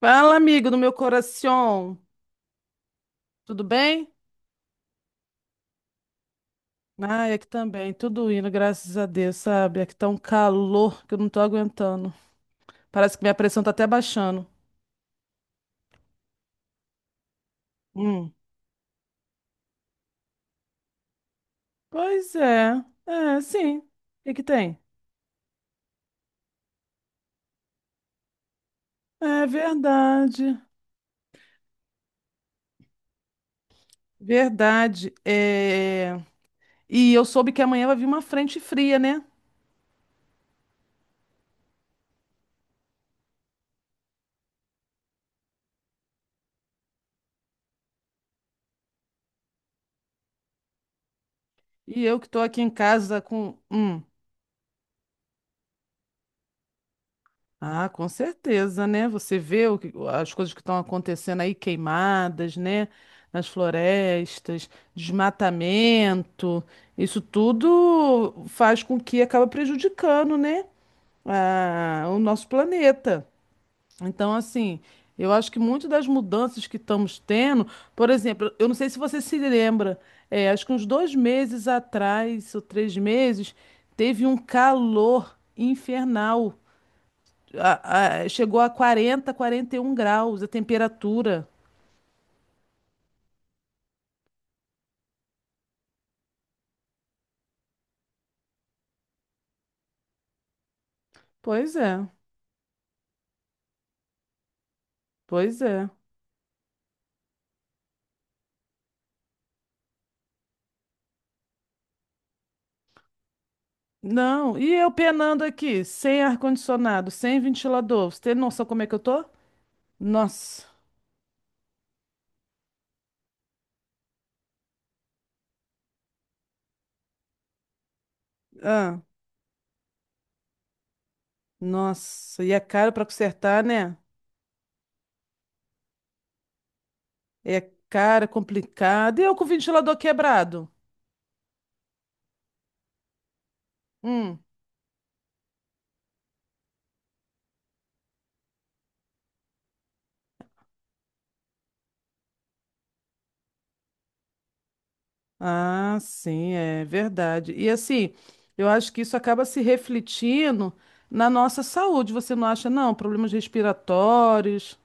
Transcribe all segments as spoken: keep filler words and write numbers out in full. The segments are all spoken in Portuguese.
Fala, amigo do meu coração. Tudo bem? Ai, aqui também. Tudo indo, graças a Deus, sabe? Aqui tá um calor que eu não tô aguentando. Parece que minha pressão tá até baixando. Hum. Pois é. É, sim. O que que tem? É verdade. Verdade. É... E eu soube que amanhã vai vir uma frente fria, né? E eu que tô aqui em casa com. hum, Ah, com certeza, né? Você vê o que- as coisas que estão acontecendo aí, queimadas, né? Nas florestas, desmatamento, isso tudo faz com que acaba prejudicando, né, a- o nosso planeta. Então, assim, eu acho que muito das mudanças que estamos tendo, por exemplo, eu não sei se você se lembra, é, acho que uns dois meses atrás, ou três meses, teve um calor infernal. A- a- chegou a quarenta, quarenta e um graus a temperatura. Pois é, pois é. Não, e eu penando aqui, sem ar-condicionado, sem ventilador. Você tem noção como é que eu tô? Nossa, ah, nossa, e é caro pra consertar, né? É caro, é complicado. E eu com o ventilador quebrado? Hum. Ah, sim, é verdade. E assim, eu acho que isso acaba se refletindo na nossa saúde, você não acha, não? Problemas respiratórios.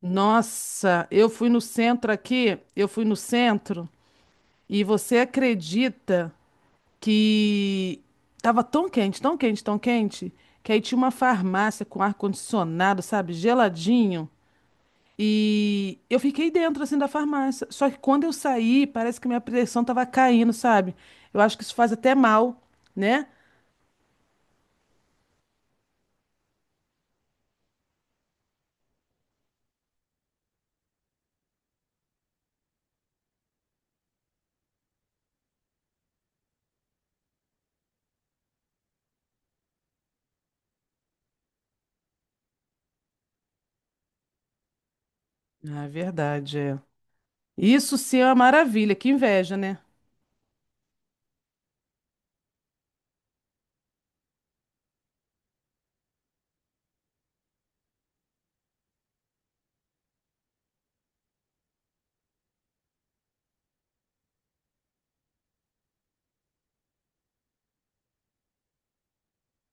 Nossa, eu fui no centro aqui, eu fui no centro e você acredita que tava tão quente, tão quente, tão quente, que aí tinha uma farmácia com ar-condicionado, sabe, geladinho. E eu fiquei dentro assim da farmácia. Só que quando eu saí, parece que minha pressão tava caindo, sabe? Eu acho que isso faz até mal, né? Ah, é verdade, é. Isso sim é uma maravilha, que inveja, né?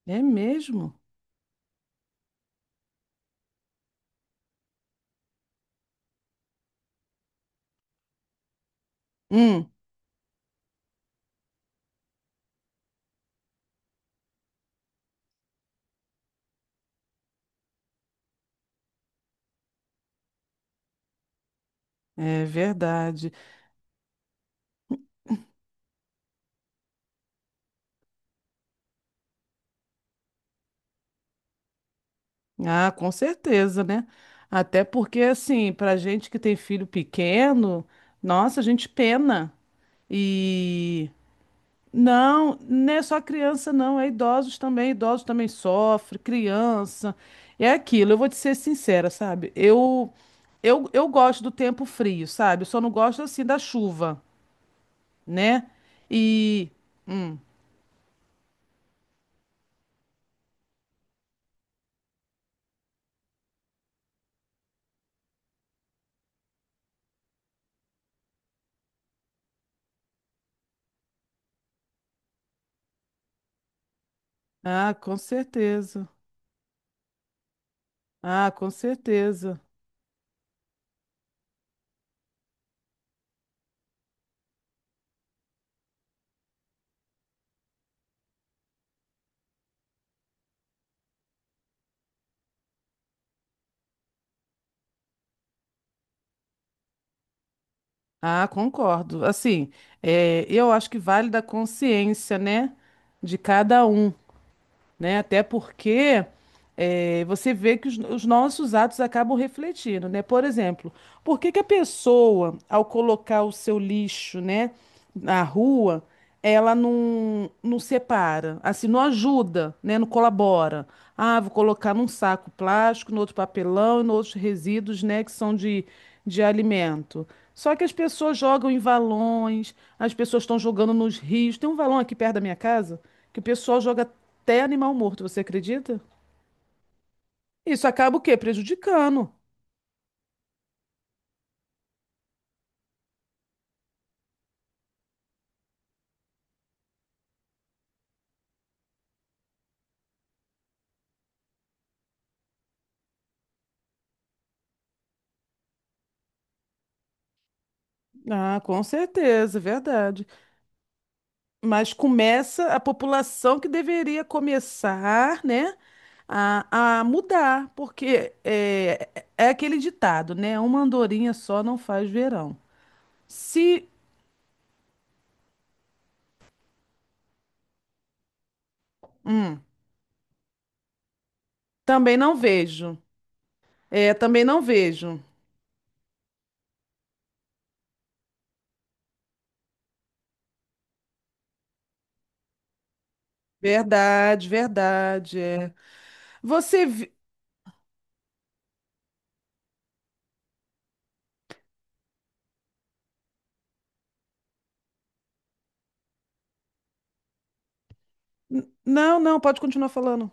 É mesmo? Hum, é verdade. Ah, com certeza, né? Até porque, assim, pra gente que tem filho pequeno, nossa, a gente pena. E não, não é só criança, não, é idosos também. Idosos também sofrem, criança. É aquilo, eu vou te ser sincera, sabe? Eu, eu, eu gosto do tempo frio, sabe? Eu só não gosto, assim, da chuva, né? E. Ah, com certeza. Ah, com certeza. Ah, concordo. Assim, é, eu acho que vale da consciência, né, de cada um, né? Até porque eh, você vê que os, os nossos atos acabam refletindo, né? Por exemplo, por que que a pessoa, ao colocar o seu lixo, né, na rua, ela não, não separa, assim, não ajuda, né? Não colabora. Ah, vou colocar num saco plástico, no outro papelão e nos outros resíduos, né, que são de, de alimento. Só que as pessoas jogam em valões, as pessoas estão jogando nos rios. Tem um valão aqui perto da minha casa que o pessoal joga até animal morto, você acredita? Isso acaba o quê? Prejudicando. Ah, com certeza, verdade. Mas começa a população que deveria começar, né, a, a mudar, porque é, é aquele ditado, né? Uma andorinha só não faz verão. Se. Hum, também não vejo. É, também não vejo. Verdade, verdade. É. Você. vi- N- Não, não, pode continuar falando.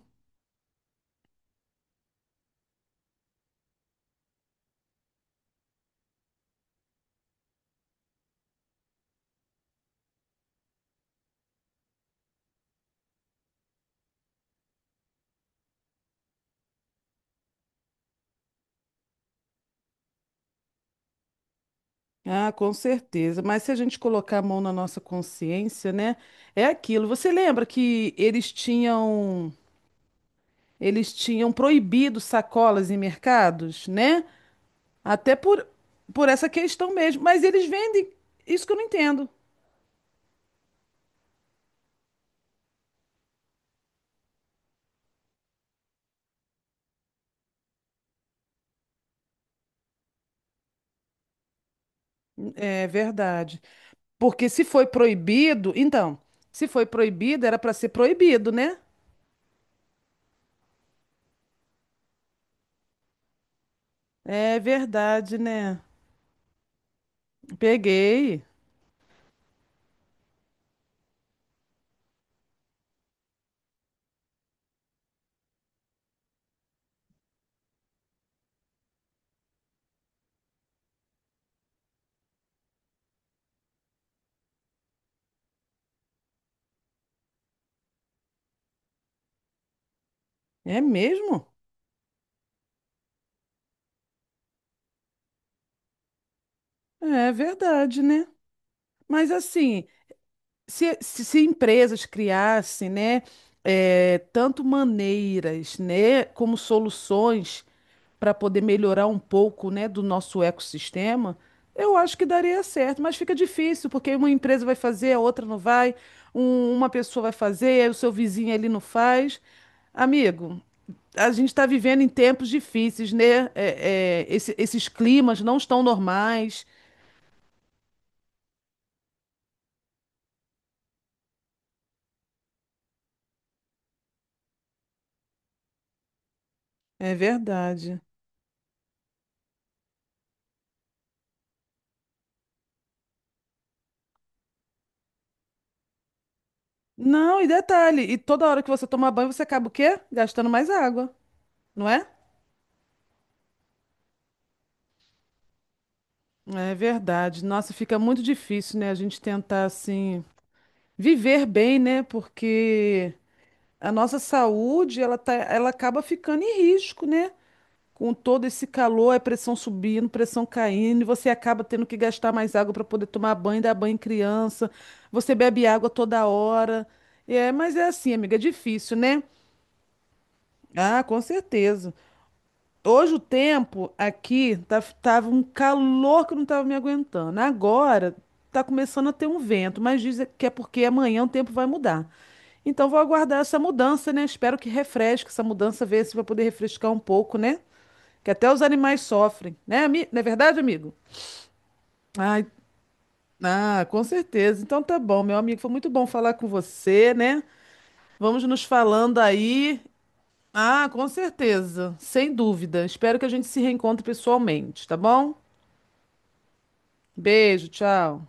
Ah, com certeza. Mas se a gente colocar a mão na nossa consciência, né? É aquilo. Você lembra que eles tinham eles tinham proibido sacolas em mercados, né? Até por por essa questão mesmo. Mas eles vendem. Isso que eu não entendo. É verdade. Porque se foi proibido, então, se foi proibido, era para ser proibido, né? É verdade, né? Peguei. É mesmo? É verdade, né? Mas assim, se, se, se empresas criassem, né, eh, tanto maneiras, né, como soluções para poder melhorar um pouco, né, do nosso ecossistema, eu acho que daria certo, mas fica difícil, porque uma empresa vai fazer, a outra não vai, um- uma pessoa vai fazer, aí o seu vizinho ali não faz. Amigo, a gente está vivendo em tempos difíceis, né? Eh, eh, esse- esses climas não estão normais. É verdade. Não, e detalhe, e toda hora que você toma banho, você acaba o quê? Gastando mais água, não é? É verdade. Nossa, fica muito difícil, né? A gente tentar, assim, viver bem, né? Porque a nossa saúde, ela tá, ela acaba ficando em risco, né? Com todo esse calor, é pressão subindo, pressão caindo, e você acaba tendo que gastar mais água para poder tomar banho, dar banho em criança. Você bebe água toda hora. É, mas é assim, amiga, é difícil, né? Ah, com certeza. Hoje o tempo aqui tá, tava um calor que eu não tava me aguentando. Agora tá começando a ter um vento, mas dizem que é porque amanhã o tempo vai mudar. Então vou aguardar essa mudança, né? Espero que refresque essa mudança, ver se vai poder refrescar um pouco, né? Que até os animais sofrem, né, ami- não é verdade, amigo? Ai, ah, com certeza. Então tá bom, meu amigo. Foi muito bom falar com você, né? Vamos nos falando aí. Ah, com certeza, sem dúvida. Espero que a gente se reencontre pessoalmente, tá bom? Beijo, tchau.